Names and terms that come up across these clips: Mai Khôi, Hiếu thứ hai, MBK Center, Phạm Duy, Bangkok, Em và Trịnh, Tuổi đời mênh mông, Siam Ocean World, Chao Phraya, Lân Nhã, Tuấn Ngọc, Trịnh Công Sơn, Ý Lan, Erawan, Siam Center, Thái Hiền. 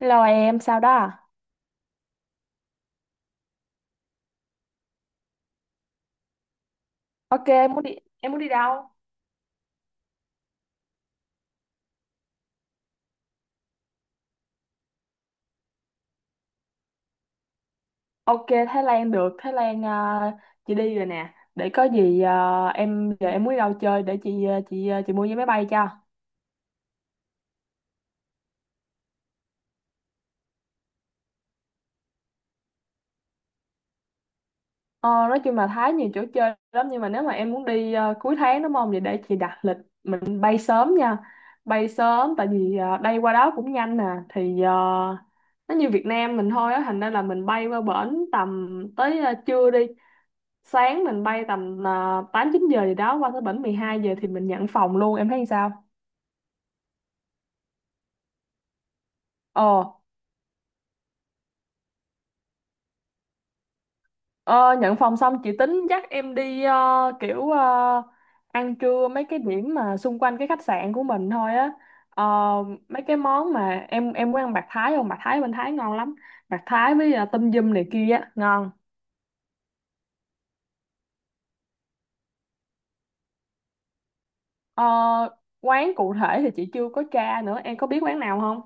Hello em, sao đó à? Ok, em muốn đi đâu? Ok, Thái Lan được, Thái Lan, chị đi rồi nè. Để có gì, em giờ em muốn đi đâu chơi để chị mua vé máy bay cho. Ờ, nói chung là Thái nhiều chỗ chơi lắm, nhưng mà nếu mà em muốn đi, cuối tháng, đúng không? Vậy để chị đặt lịch mình bay sớm nha. Bay sớm tại vì, đây qua đó cũng nhanh nè. Thì, nó như Việt Nam mình thôi á, thành ra là mình bay qua bển tầm tới, trưa đi. Sáng mình bay tầm, 8 9 giờ gì đó, qua tới bển 12 giờ thì mình nhận phòng luôn, em thấy sao? Ờ, ờ nhận phòng xong chị tính dắt em đi, kiểu, ăn trưa mấy cái điểm mà xung quanh cái khách sạn của mình thôi á. Ờ, mấy cái món mà em muốn ăn bạc Thái không? Bạc Thái bên Thái ngon lắm. Bạc Thái với, tâm dum này kia á, ngon. Ờ, quán cụ thể thì chị chưa có tra nữa, em có biết quán nào không?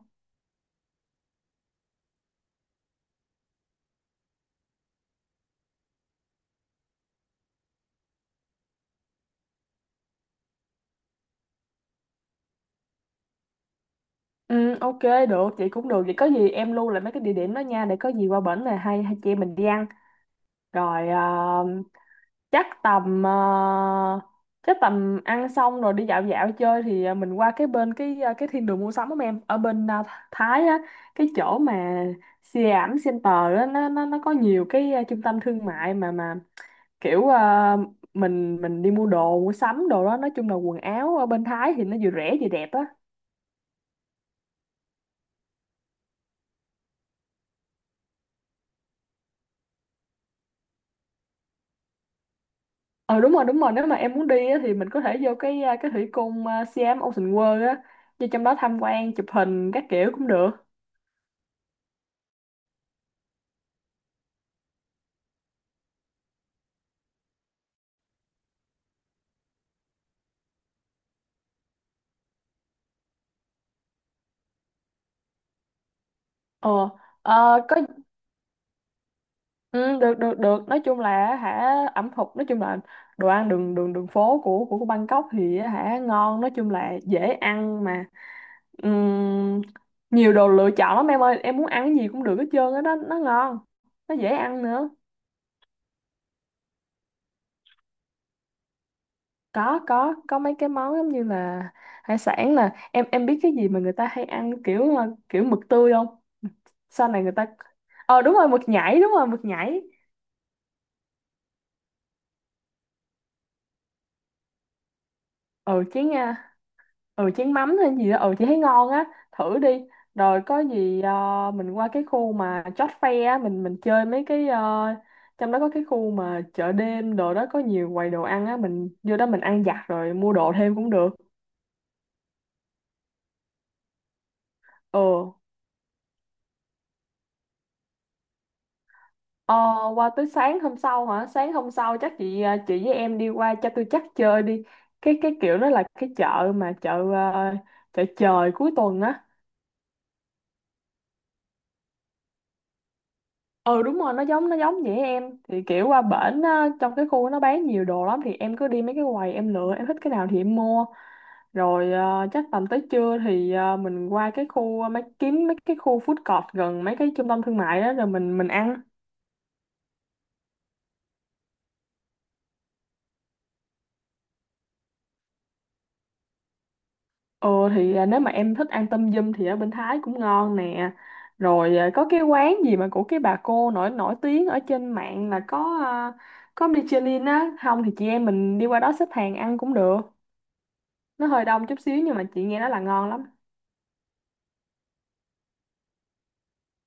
Ừ, ok, được, chị cũng được. Vậy có gì em lưu lại mấy cái địa điểm đó nha, để có gì qua bển này hai hai chị em mình đi ăn. Rồi, chắc tầm ờ, chắc tầm ăn xong rồi đi dạo dạo chơi thì, mình qua cái bên cái, cái thiên đường mua sắm của em ở bên, Thái á, cái chỗ mà Siam Center á. Nó có nhiều cái, trung tâm thương mại mà, kiểu, mình đi mua đồ mua sắm đồ đó. Nói chung là quần áo ở bên Thái thì nó vừa rẻ vừa đẹp á. Ờ Đúng rồi, đúng rồi, nếu mà em muốn đi á, thì mình có thể vô cái thủy cung, Siam Ocean World á, vô trong đó tham quan chụp hình các kiểu cũng được. ờ ờ, có. Ừ, được, được, được. Nói chung là, ẩm thực, nói chung là đồ ăn đường đường đường phố của Bangkok thì á, ngon, nói chung là dễ ăn mà. Ừm, nhiều đồ lựa chọn lắm em ơi, em muốn ăn cái gì cũng được hết trơn á, đó nó ngon, nó dễ ăn nữa. Có mấy cái món giống như là hải sản. Là em biết cái gì mà người ta hay ăn kiểu, kiểu mực tươi không? Sau này người ta đúng rồi, mực nhảy, đúng rồi, mực nhảy. Ừ, chén, ừ, chén mắm hay gì đó, ừ, chị thấy ngon á, thử đi. Rồi có gì, mình qua cái khu mà chót Fair á, mình chơi mấy cái, trong đó có cái khu mà chợ đêm đồ đó, có nhiều quầy đồ ăn á, mình vô đó mình ăn vặt rồi mua đồ thêm cũng được. Ừ. Ờ, qua tới sáng hôm sau hả? Sáng hôm sau chắc chị với em đi qua cho tôi chắc chơi đi. Cái kiểu nó là cái chợ mà, chợ trời cuối tuần á. Ừ, đúng rồi, nó giống vậy em. Thì kiểu qua bển á, trong cái khu nó bán nhiều đồ lắm, thì em cứ đi mấy cái quầy em lựa, em thích cái nào thì em mua. Rồi, chắc tầm tới trưa thì, mình qua cái khu, ờ, mấy kiếm mấy cái khu food court gần mấy cái trung tâm thương mại đó rồi mình ăn. Ồ thì, nếu mà em thích ăn tâm dâm thì ở bên Thái cũng ngon nè. Rồi, có cái quán gì mà của cái bà cô nổi nổi tiếng ở trên mạng, là có, Michelin á, không thì chị em mình đi qua đó xếp hàng ăn cũng được. Nó hơi đông chút xíu nhưng mà chị nghe nói là ngon lắm.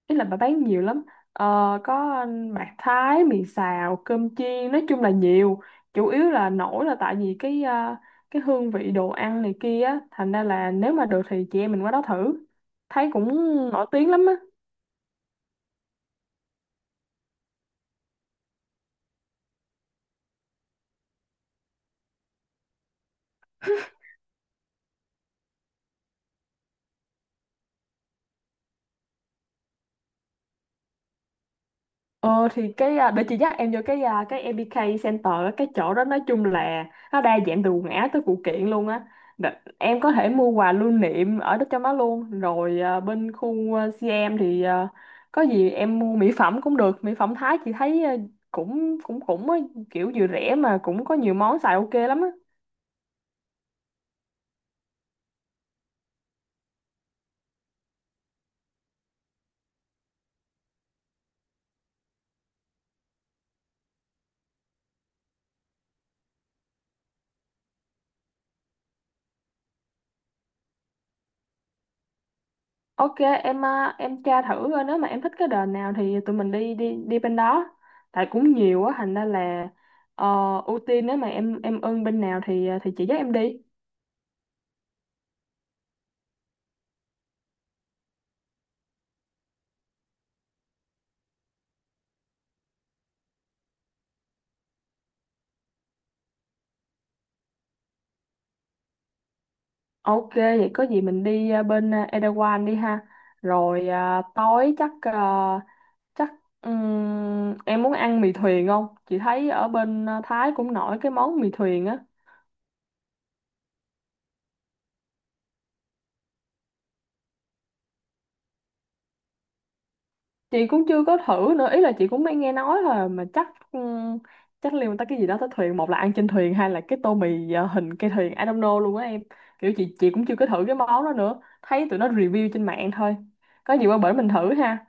Ý là bà bán nhiều lắm. Ờ, có bạc Thái, mì xào, cơm chiên, nói chung là nhiều. Chủ yếu là nổi là tại vì cái hương vị đồ ăn này kia á, thành ra là nếu mà được thì chị em mình qua đó thử. Thấy cũng nổi tiếng lắm á. Để chị dắt em vô cái MBK Center á. Cái chỗ đó nói chung là nó đa dạng từ quần áo tới phụ kiện luôn á. Đ- em có thể mua quà lưu niệm ở đó, trong đó luôn. Rồi, bên khu, CM thì, có gì em mua mỹ phẩm cũng được. Mỹ phẩm Thái chị thấy, à, cũng cũng cũng á, kiểu vừa rẻ mà cũng có nhiều món xài ok lắm á. Ok em, tra thử coi nếu mà em thích cái đền nào thì tụi mình đi đi đi bên đó. Tại cũng nhiều á, thành ra là, ờ, ưu tiên nếu mà em ưng bên nào thì, chị dắt em đi. Ok, vậy có gì mình đi, Erawan đi ha. Rồi, tối chắc à, chắc em muốn ăn mì thuyền không? Chị thấy ở bên, Thái cũng nổi cái món mì thuyền á. Chị cũng chưa có thử nữa, ý là chị cũng mới nghe nói thôi, mà chắc ừm, chắc liên quan tới cái gì đó tới thuyền, một là ăn trên thuyền hay là cái tô mì, hình cây thuyền, I don't know luôn á em. Kiểu chị cũng chưa có thử cái món đó nữa, thấy tụi nó review trên mạng thôi. Có gì qua bển mình thử ha.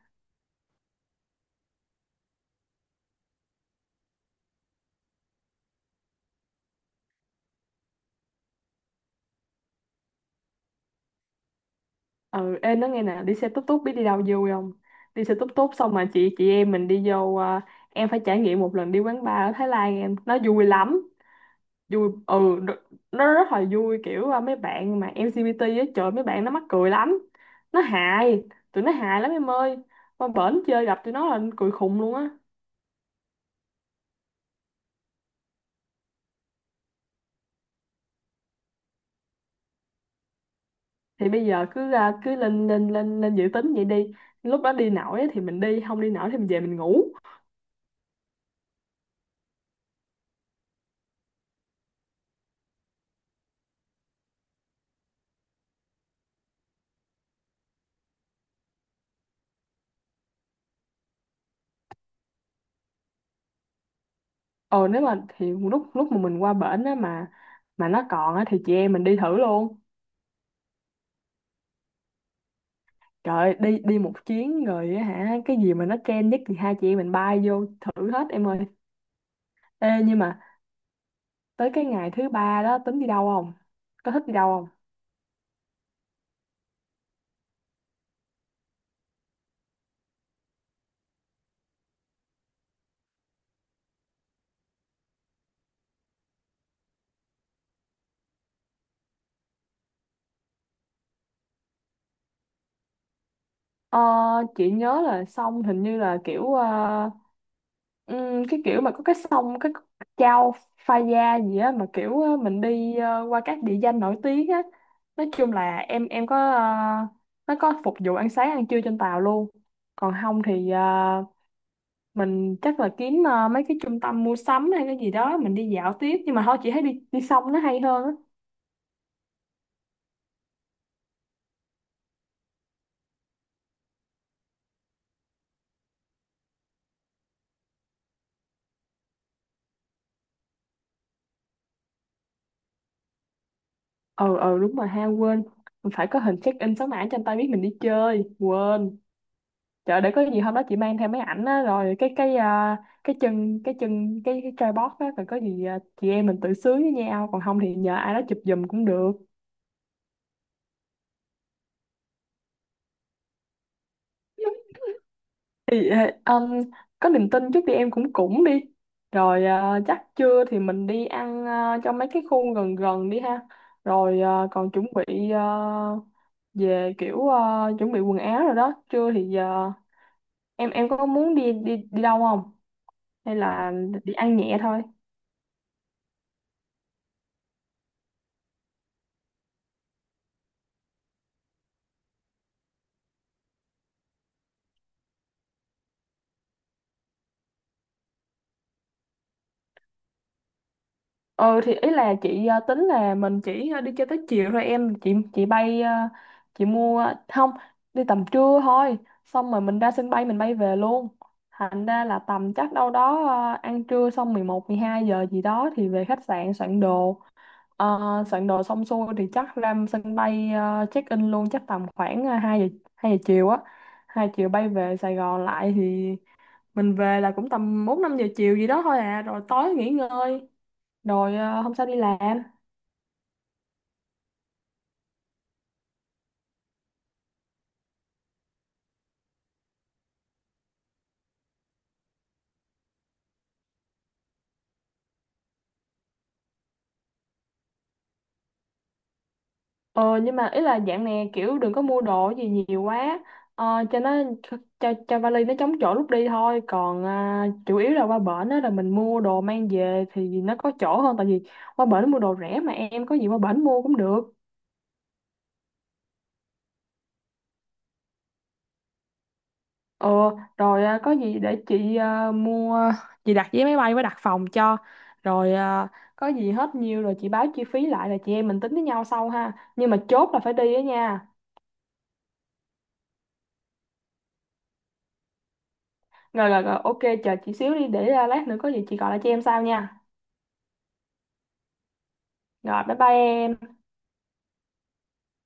Ừ, em nói nghe nè, đi xe tút tút biết đi đâu vui không? Đi xe tút tút xong mà chị em mình đi vô, em phải trải nghiệm một lần đi quán bar ở Thái Lan em, nó vui lắm. Vui, ừ, nó rất là vui, kiểu, mấy bạn mà LGBT á, trời, mấy bạn nó mắc cười lắm, nó hài, tụi nó hài lắm em ơi, qua bển chơi gặp tụi nó là cười khùng luôn á. Thì bây giờ cứ, à, cứ lên lên lên lên dự tính vậy đi, lúc đó đi nổi á thì mình đi, không đi nổi thì mình về mình ngủ. Ờ Nếu mà thì lúc lúc mà mình qua bển á, mà nó còn á thì chị em mình đi thử luôn. Trời ơi, đi đi một chuyến rồi á hả, cái gì mà nó trend nhất thì hai chị em mình bay vô thử hết em ơi. Ê, nhưng mà tới cái ngày thứ ba đó tính đi đâu không, có thích đi đâu không? ờ, chị nhớ là xong hình như là kiểu, cái kiểu mà có cái sông, cái Chao Phraya gì á, mà kiểu, mình đi, qua các địa danh nổi tiếng á. Nói chung là em có, nó có phục vụ ăn sáng ăn trưa trên tàu luôn, còn không thì, mình chắc là kiếm, mấy cái trung tâm mua sắm hay cái gì đó mình đi dạo tiếp, nhưng mà thôi chị thấy đi đi sông nó hay hơn á. Ừ, ừ, đúng rồi ha, quên. Mình phải có hình check in số mã cho anh ta biết mình đi chơi, quên. Trời, để có gì hôm đó chị mang theo mấy ảnh á, rồi cái chân cái chân cái tripod á, rồi có gì, chị em mình tự sướng với nhau, còn không thì nhờ ai đó chụp giùm cũng được. Thì, ờ, um, có niềm tin trước đi em, cũng cũng đi. Rồi, chắc trưa thì mình đi ăn, trong mấy cái khu gần gần đi ha. Rồi, ờ, còn chuẩn bị ờ, về kiểu ờ, chuẩn bị quần áo rồi đó, trưa thì giờ em có muốn đi đi đi đâu không, hay là đi ăn nhẹ thôi? Ừ, thì ý là chị, tính là mình chỉ, đi chơi tới chiều thôi em. Chị bay, không, đi tầm trưa thôi, xong rồi mình ra sân bay mình bay về luôn, thành ra là tầm chắc đâu đó, ăn trưa xong 11 12 giờ gì đó thì về khách sạn soạn đồ. Ờ, soạn đồ xong xuôi thì chắc ra sân bay, check in luôn chắc tầm khoảng, 2 giờ chiều á, 2 chiều bay về Sài Gòn lại, thì mình về là cũng tầm 4 5 giờ chiều gì đó thôi à, rồi tối nghỉ ngơi rồi, hôm sau đi làm. Ờ nhưng mà ý là dạng này kiểu đừng có mua đồ gì nhiều quá, cho nó, cho vali nó chống chỗ lúc đi thôi, còn, chủ yếu là qua bển á là mình mua đồ mang về thì nó có chỗ hơn, tại vì qua bển mua đồ rẻ mà em, có gì qua bển mua cũng được. Ờ, rồi, có gì để chị, à, mua chị đặt vé máy bay với đặt phòng cho. Rồi, có gì hết nhiêu rồi chị báo chi phí lại, là chị em mình tính với nhau sau ha, nhưng mà chốt là phải đi á nha. Rồi, rồi, rồi, ok. Chờ chị xíu đi, để, lát nữa có gì chị gọi lại cho em sau nha. Rồi, bye bye em.